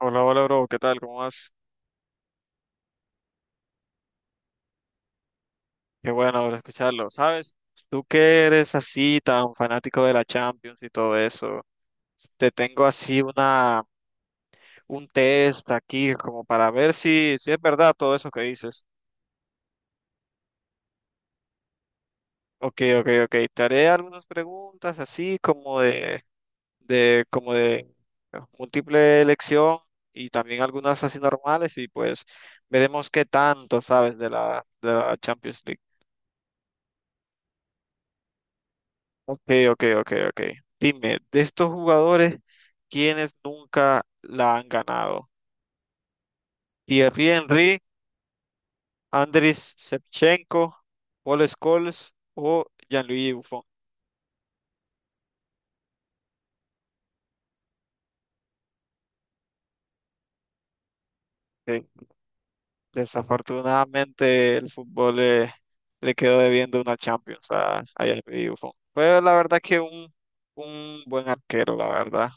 Hola, hola, bro, ¿qué tal? ¿Cómo vas? Qué bueno bro, escucharlo. ¿Sabes? Tú que eres así tan fanático de la Champions y todo eso, te tengo así una un test aquí como para ver si es verdad todo eso que dices. Ok, ok, ok. Te haré algunas preguntas así como de múltiple elección y también algunas así normales y pues veremos qué tanto sabes de la Champions League. Ok, ok, ok, ok. Dime, de estos jugadores, ¿quiénes nunca la han ganado? ¿Thierry Henry, Andriy Shevchenko, Paul Scholes o Gianluigi Buffon? Sí, desafortunadamente, el fútbol le quedó debiendo una Champions a Gianluigi Buffon. Fue la verdad que un buen arquero, la verdad.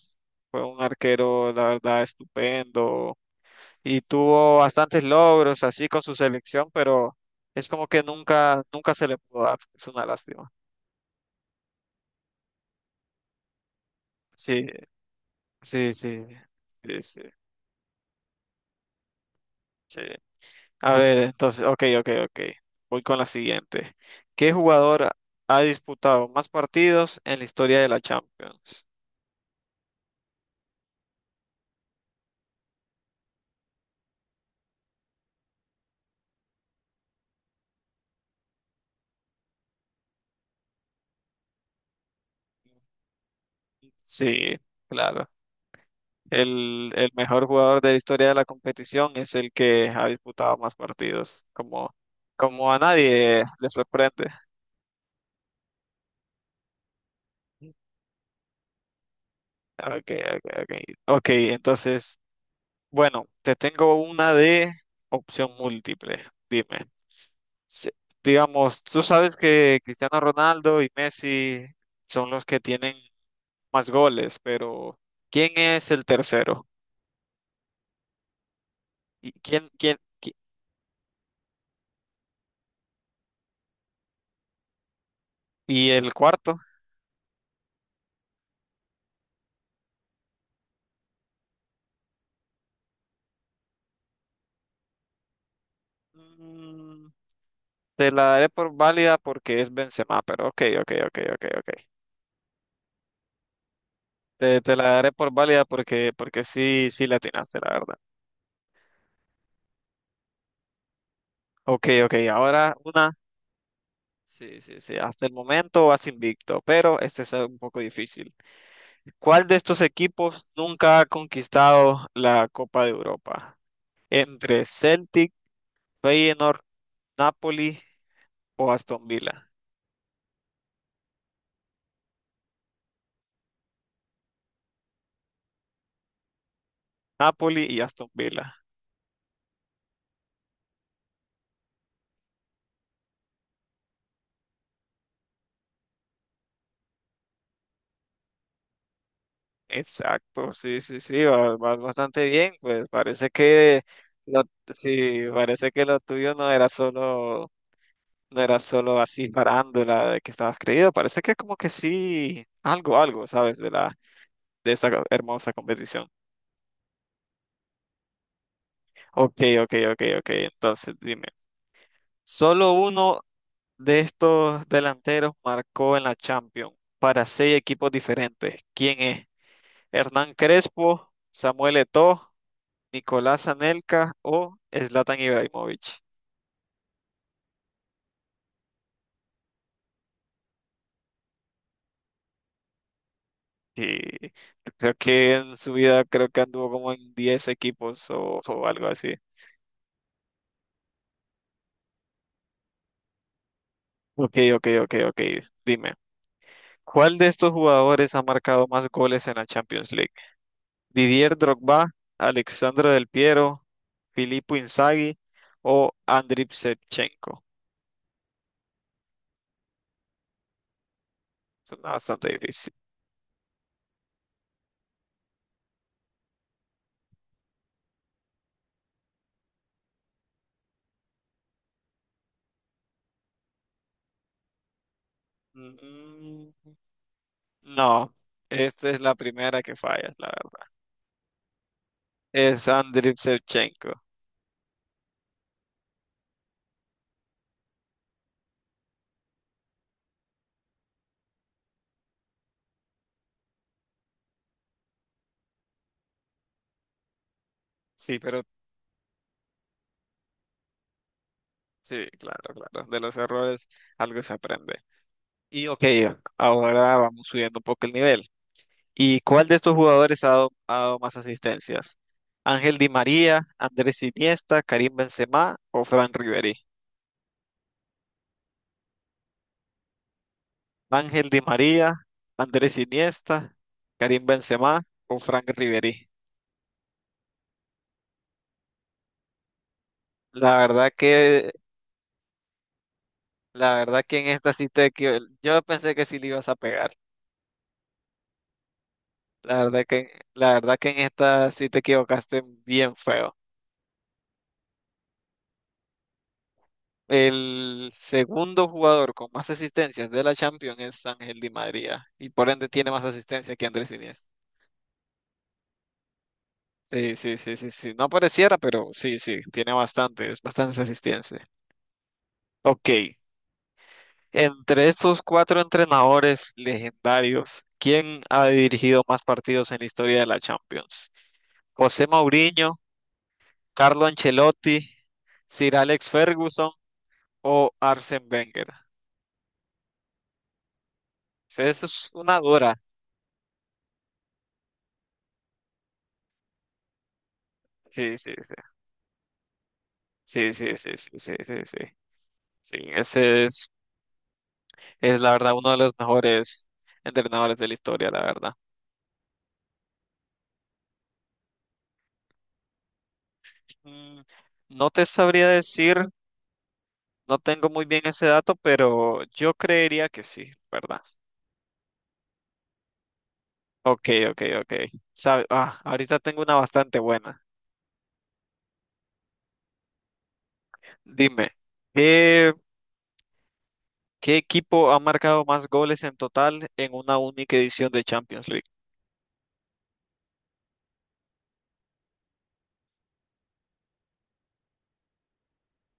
Fue un arquero, la verdad, estupendo. Y tuvo bastantes logros así con su selección, pero es como que nunca se le pudo dar. Es una lástima. Sí, sí, sí, sí, sí, sí. A ver, entonces, ok, ok, ok. Voy con la siguiente. ¿Qué jugador ha disputado más partidos en la historia de la Champions? Sí, claro. El mejor jugador de la historia de la competición es el que ha disputado más partidos, como, como a nadie le sorprende. Ok, ok, ok. Ok, entonces, bueno, te tengo una de opción múltiple. Dime. Se- digamos, tú sabes que Cristiano Ronaldo y Messi son los que tienen más goles, pero ¿quién es el tercero? ¿Y y el cuarto? Mm, te la daré por válida porque es Benzema, pero ok, ok, ok, ok, ok. Te la daré por válida porque sí, sí la atinaste, la verdad. Ok, ok, ahora una. Sí, sí, sí. Hasta el momento vas invicto, pero este es un poco difícil. ¿Cuál de estos equipos nunca ha conquistado la Copa de Europa? Entre Celtic, Feyenoord, Napoli o Aston Villa. Napoli y Aston Villa. Exacto, sí, sí, sí, vas bastante bien. Pues parece que lo, sí, parece que lo tuyo no era no era solo así parándola de que estabas creído. Parece que como que sí, algo, algo, ¿sabes? De la de esta hermosa competición. Ok, ok, ok, ok. Entonces, dime, solo uno de estos delanteros marcó en la Champions para seis equipos diferentes. ¿Quién es? ¿Hernán Crespo, Samuel Eto'o, Nicolás Anelka o Zlatan Ibrahimovic? Sí, yo creo que en su vida creo que anduvo como en 10 equipos o algo así. Ok, ok, ok, ok. Dime, ¿cuál de estos jugadores ha marcado más goles en la Champions League? Didier Drogba, Alexandro Del Piero, Filippo Inzaghi o Andriy Shevchenko. Suena bastante difícil. Mm, No, esta es la primera que fallas, la verdad. Es Andriy Shevchenko. Sí, pero sí, claro, claro. De los errores algo se aprende. Y ok, ahora vamos subiendo un poco el nivel. ¿Y cuál de estos jugadores ha dado más asistencias? ¿Ángel Di María, Andrés Iniesta, Karim Benzema o Fran Riveri? Ángel Di María, Andrés Iniesta, Karim Benzema o Frank Riveri. La verdad que, la verdad que en esta sí yo pensé que sí le ibas a pegar. La verdad que en esta sí te equivocaste bien feo. El segundo jugador con más asistencias de la Champions es Ángel Di María y por ende tiene más asistencias que Andrés Iniesta. Sí, sí, sí, sí, sí. No pareciera, pero sí, sí, tiene bastante, es bastante asistencias. Ok. Entre estos cuatro entrenadores legendarios, ¿quién ha dirigido más partidos en la historia de la Champions? José Mourinho, Carlo Ancelotti, Sir Alex Ferguson o Arsène Wenger. Sí, eso es una dura. Sí, sí, sí, sí, sí, sí, sí, sí, sí, sí. Sí, ese es la verdad uno de los mejores entrenadores de la historia, la verdad. Mm, No te sabría decir, no tengo muy bien ese dato, pero yo creería que sí, ¿verdad? Ok, ok, ok. Ah, ahorita tengo una bastante buena. Dime, ¿qué, qué equipo ha marcado más goles en total en una única edición de Champions League?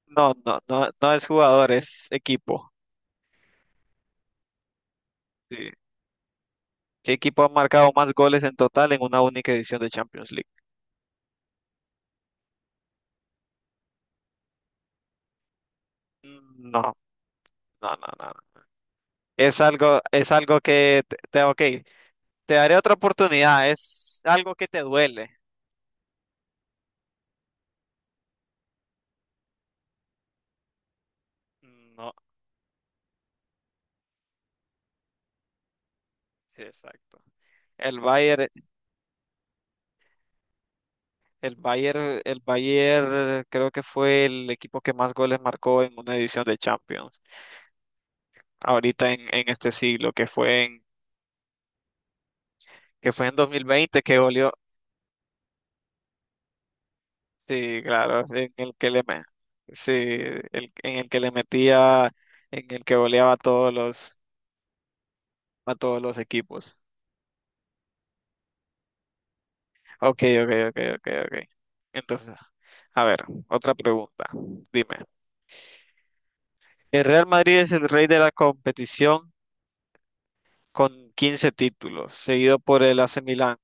No, no, no, no es jugador, es equipo. Sí. ¿Qué equipo ha marcado más goles en total en una única edición de Champions League? No, no, no, no. No. Es es algo que ok, te daré otra oportunidad, es algo que te duele. No, sí, exacto. El Bayern, el Bayern, el Bayern creo que fue el equipo que más goles marcó en una edición de Champions, ahorita en este siglo, que fue en 2020 que goleó, sí, claro, en el que sí, en el que le metía, en el que goleaba a a todos los equipos. Ok, ok, ok, ok, ok. Entonces, a ver, otra pregunta. Dime. El Real Madrid es el rey de la competición con 15 títulos, seguido por el AC Milan.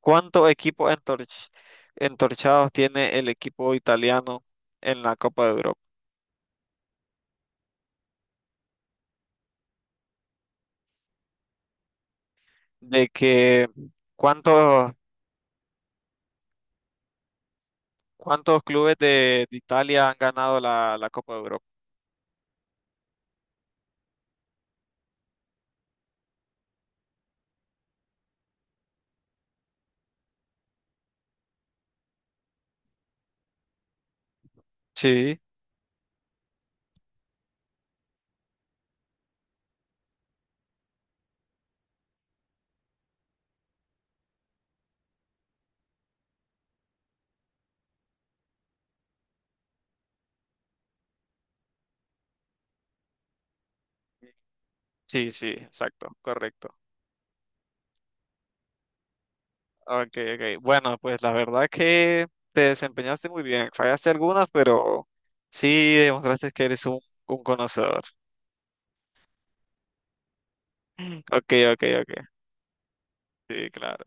¿Cuántos equipos entorchados tiene el equipo italiano en la Copa de Europa? De que cuántos, cuántos clubes de Italia han ganado la Copa de Europa. Sí, sí, sí, exacto, correcto. Ok, ok. Bueno, pues la verdad que te desempeñaste muy bien. Fallaste algunas, pero sí demostraste que eres un conocedor. Ok, ok, ok. Sí, claro.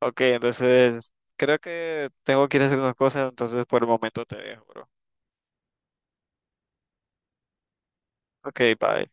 Ok, entonces creo que tengo que ir a hacer unas cosas, entonces por el momento te dejo, bro. Ok, bye.